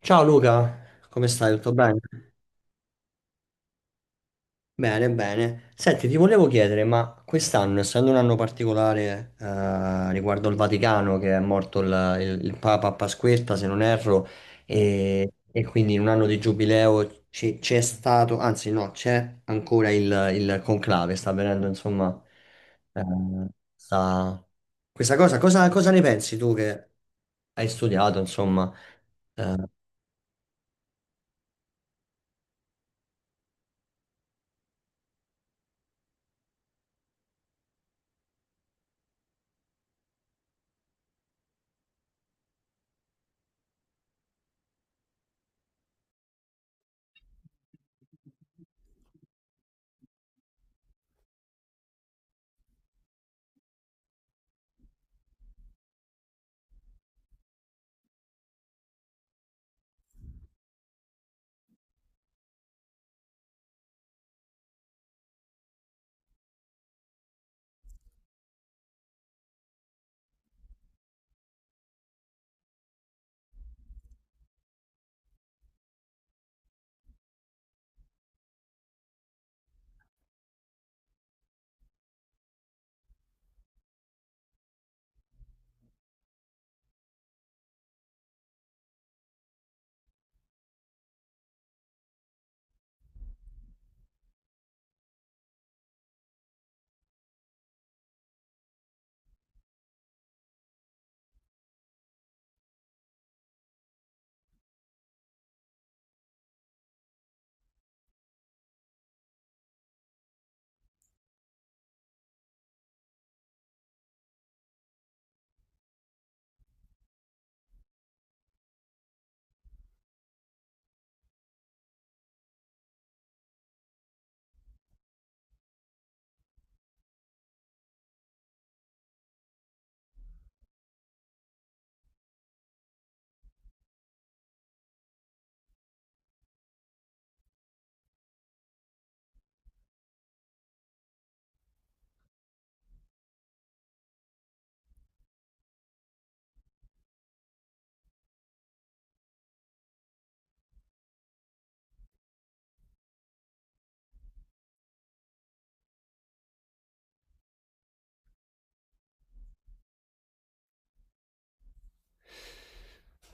Ciao Luca, come stai? Tutto bene? Bene, bene. Senti, ti volevo chiedere, ma quest'anno, essendo un anno particolare riguardo il Vaticano, che è morto il Papa a Pasquetta, se non erro, e quindi in un anno di giubileo c'è stato, anzi no, c'è ancora il conclave, sta avvenendo, insomma, eh, sta- questa cosa ne pensi tu che hai studiato, insomma? eh,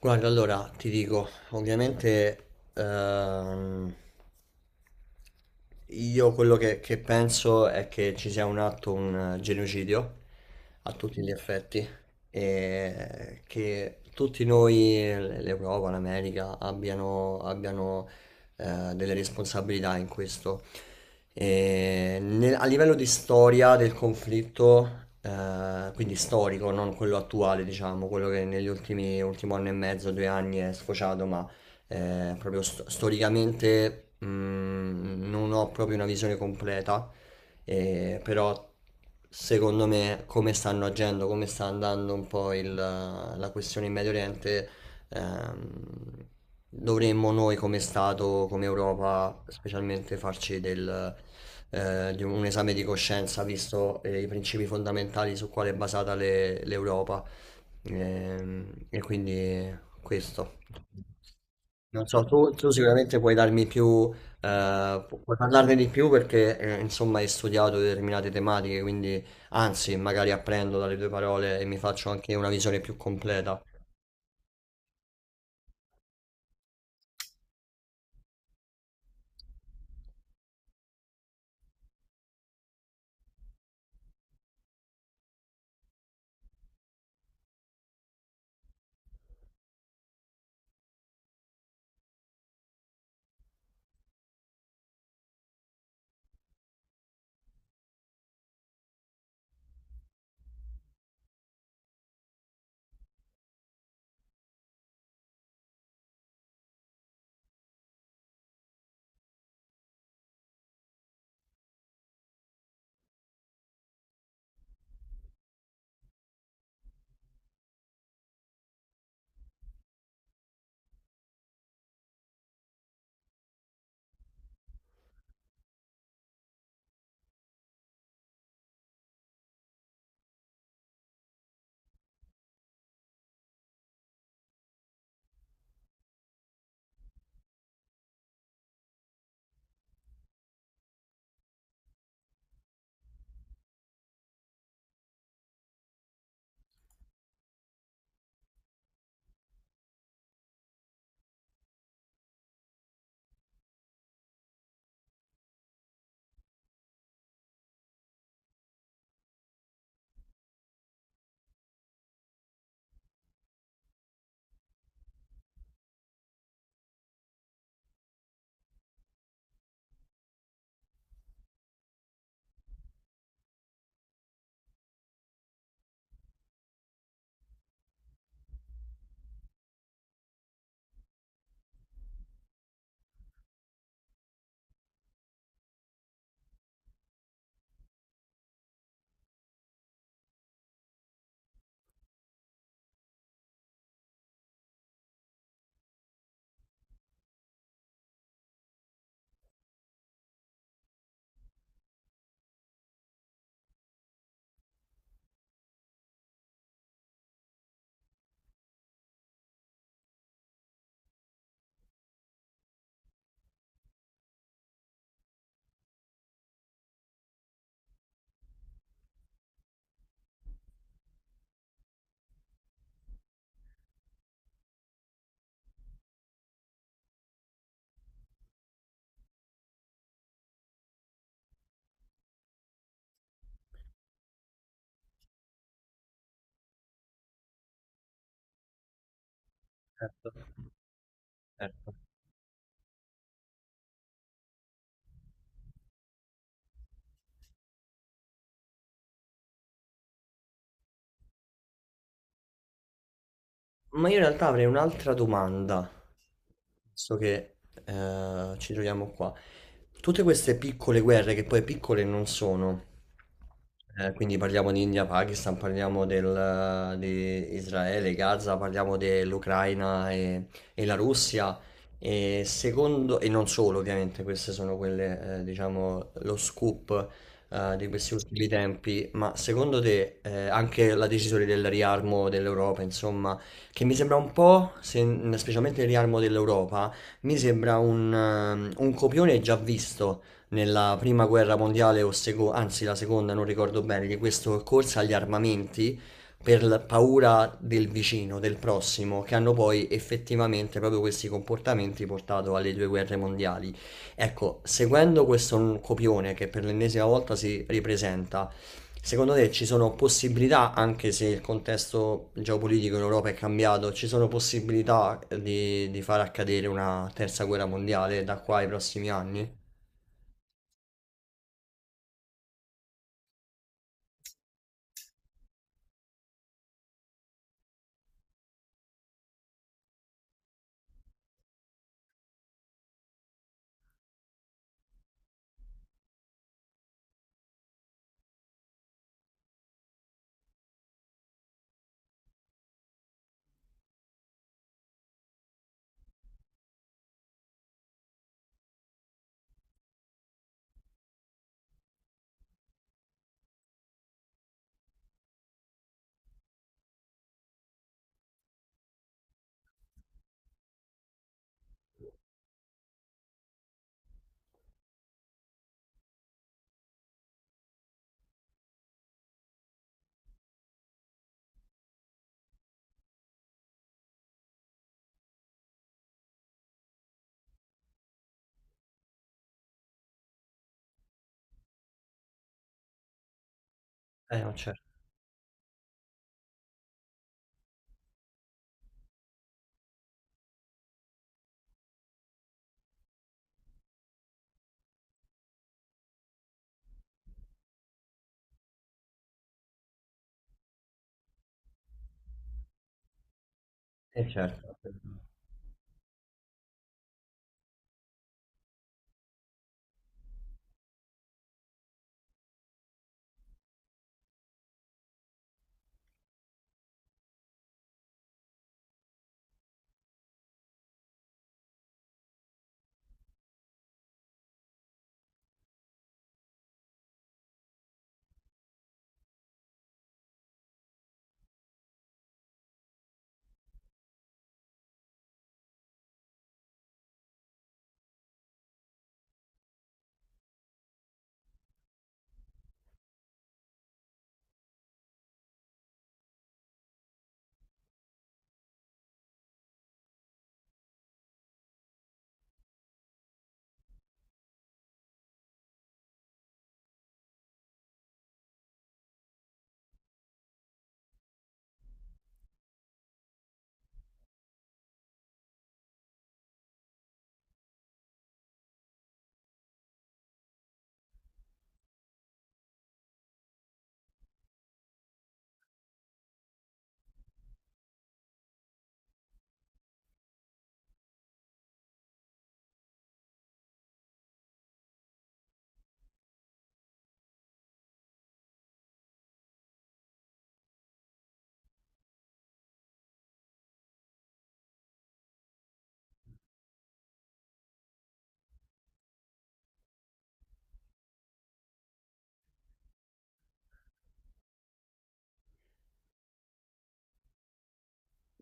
Guarda, allora ti dico, ovviamente ehm, io quello che penso è che ci sia un atto, un genocidio a tutti gli effetti e che tutti noi, l'Europa, l'America, abbiano delle responsabilità in questo. E a livello di storia del conflitto, quindi storico, non quello attuale, diciamo, quello che negli ultimi ultimo anno e mezzo, due anni è sfociato, ma storicamente non ho proprio una visione completa, però secondo me come stanno agendo, come sta andando un po' la questione in Medio Oriente. Ehm, Dovremmo noi come Stato, come Europa, specialmente farci di un esame di coscienza, visto i principi fondamentali su quale è basata l'Europa. E quindi questo. Non so, tu sicuramente puoi darmi più, puoi parlarne di più perché insomma hai studiato determinate tematiche, quindi anzi magari apprendo dalle tue parole e mi faccio anche una visione più completa. Certo. Ma io in realtà avrei un'altra domanda, visto che ci troviamo qua. Tutte queste piccole guerre, che poi piccole non sono, quindi parliamo di India, Pakistan, parliamo di Israele, Gaza, parliamo dell'Ucraina e la Russia, e secondo, e non solo ovviamente, queste sono quelle, diciamo, lo scoop di questi ultimi tempi, ma secondo te anche la decisione del riarmo dell'Europa, insomma, che mi sembra un po', specialmente il riarmo dell'Europa, mi sembra un copione già visto nella prima guerra mondiale o anzi la seconda, non ricordo bene, di questo corsa agli armamenti per la paura del vicino, del prossimo, che hanno poi effettivamente proprio questi comportamenti portato alle due guerre mondiali. Ecco, seguendo questo copione che per l'ennesima volta si ripresenta, secondo te ci sono possibilità, anche se il contesto geopolitico in Europa è cambiato, ci sono possibilità di far accadere una terza guerra mondiale da qua ai prossimi anni? Eh no, certo, certo.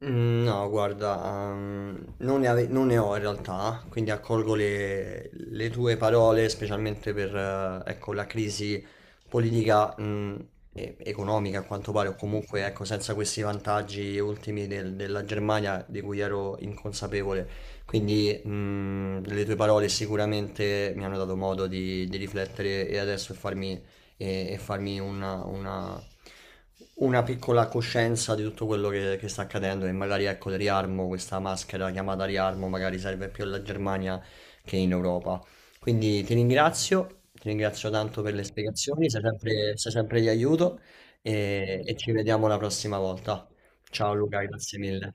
No, guarda, non non ne ho in realtà, quindi accolgo le tue parole, specialmente per ecco, la crisi politica economica, a quanto pare, o comunque ecco, senza questi vantaggi ultimi della Germania di cui ero inconsapevole. Quindi le tue parole sicuramente mi hanno dato modo di riflettere e adesso farmi e farmi una piccola coscienza di tutto quello che sta accadendo e magari ecco il riarmo, questa maschera chiamata riarmo, magari serve più alla Germania che in Europa. Quindi ti ringrazio tanto per le spiegazioni, sei sempre di aiuto e ci vediamo la prossima volta. Ciao Luca, grazie mille.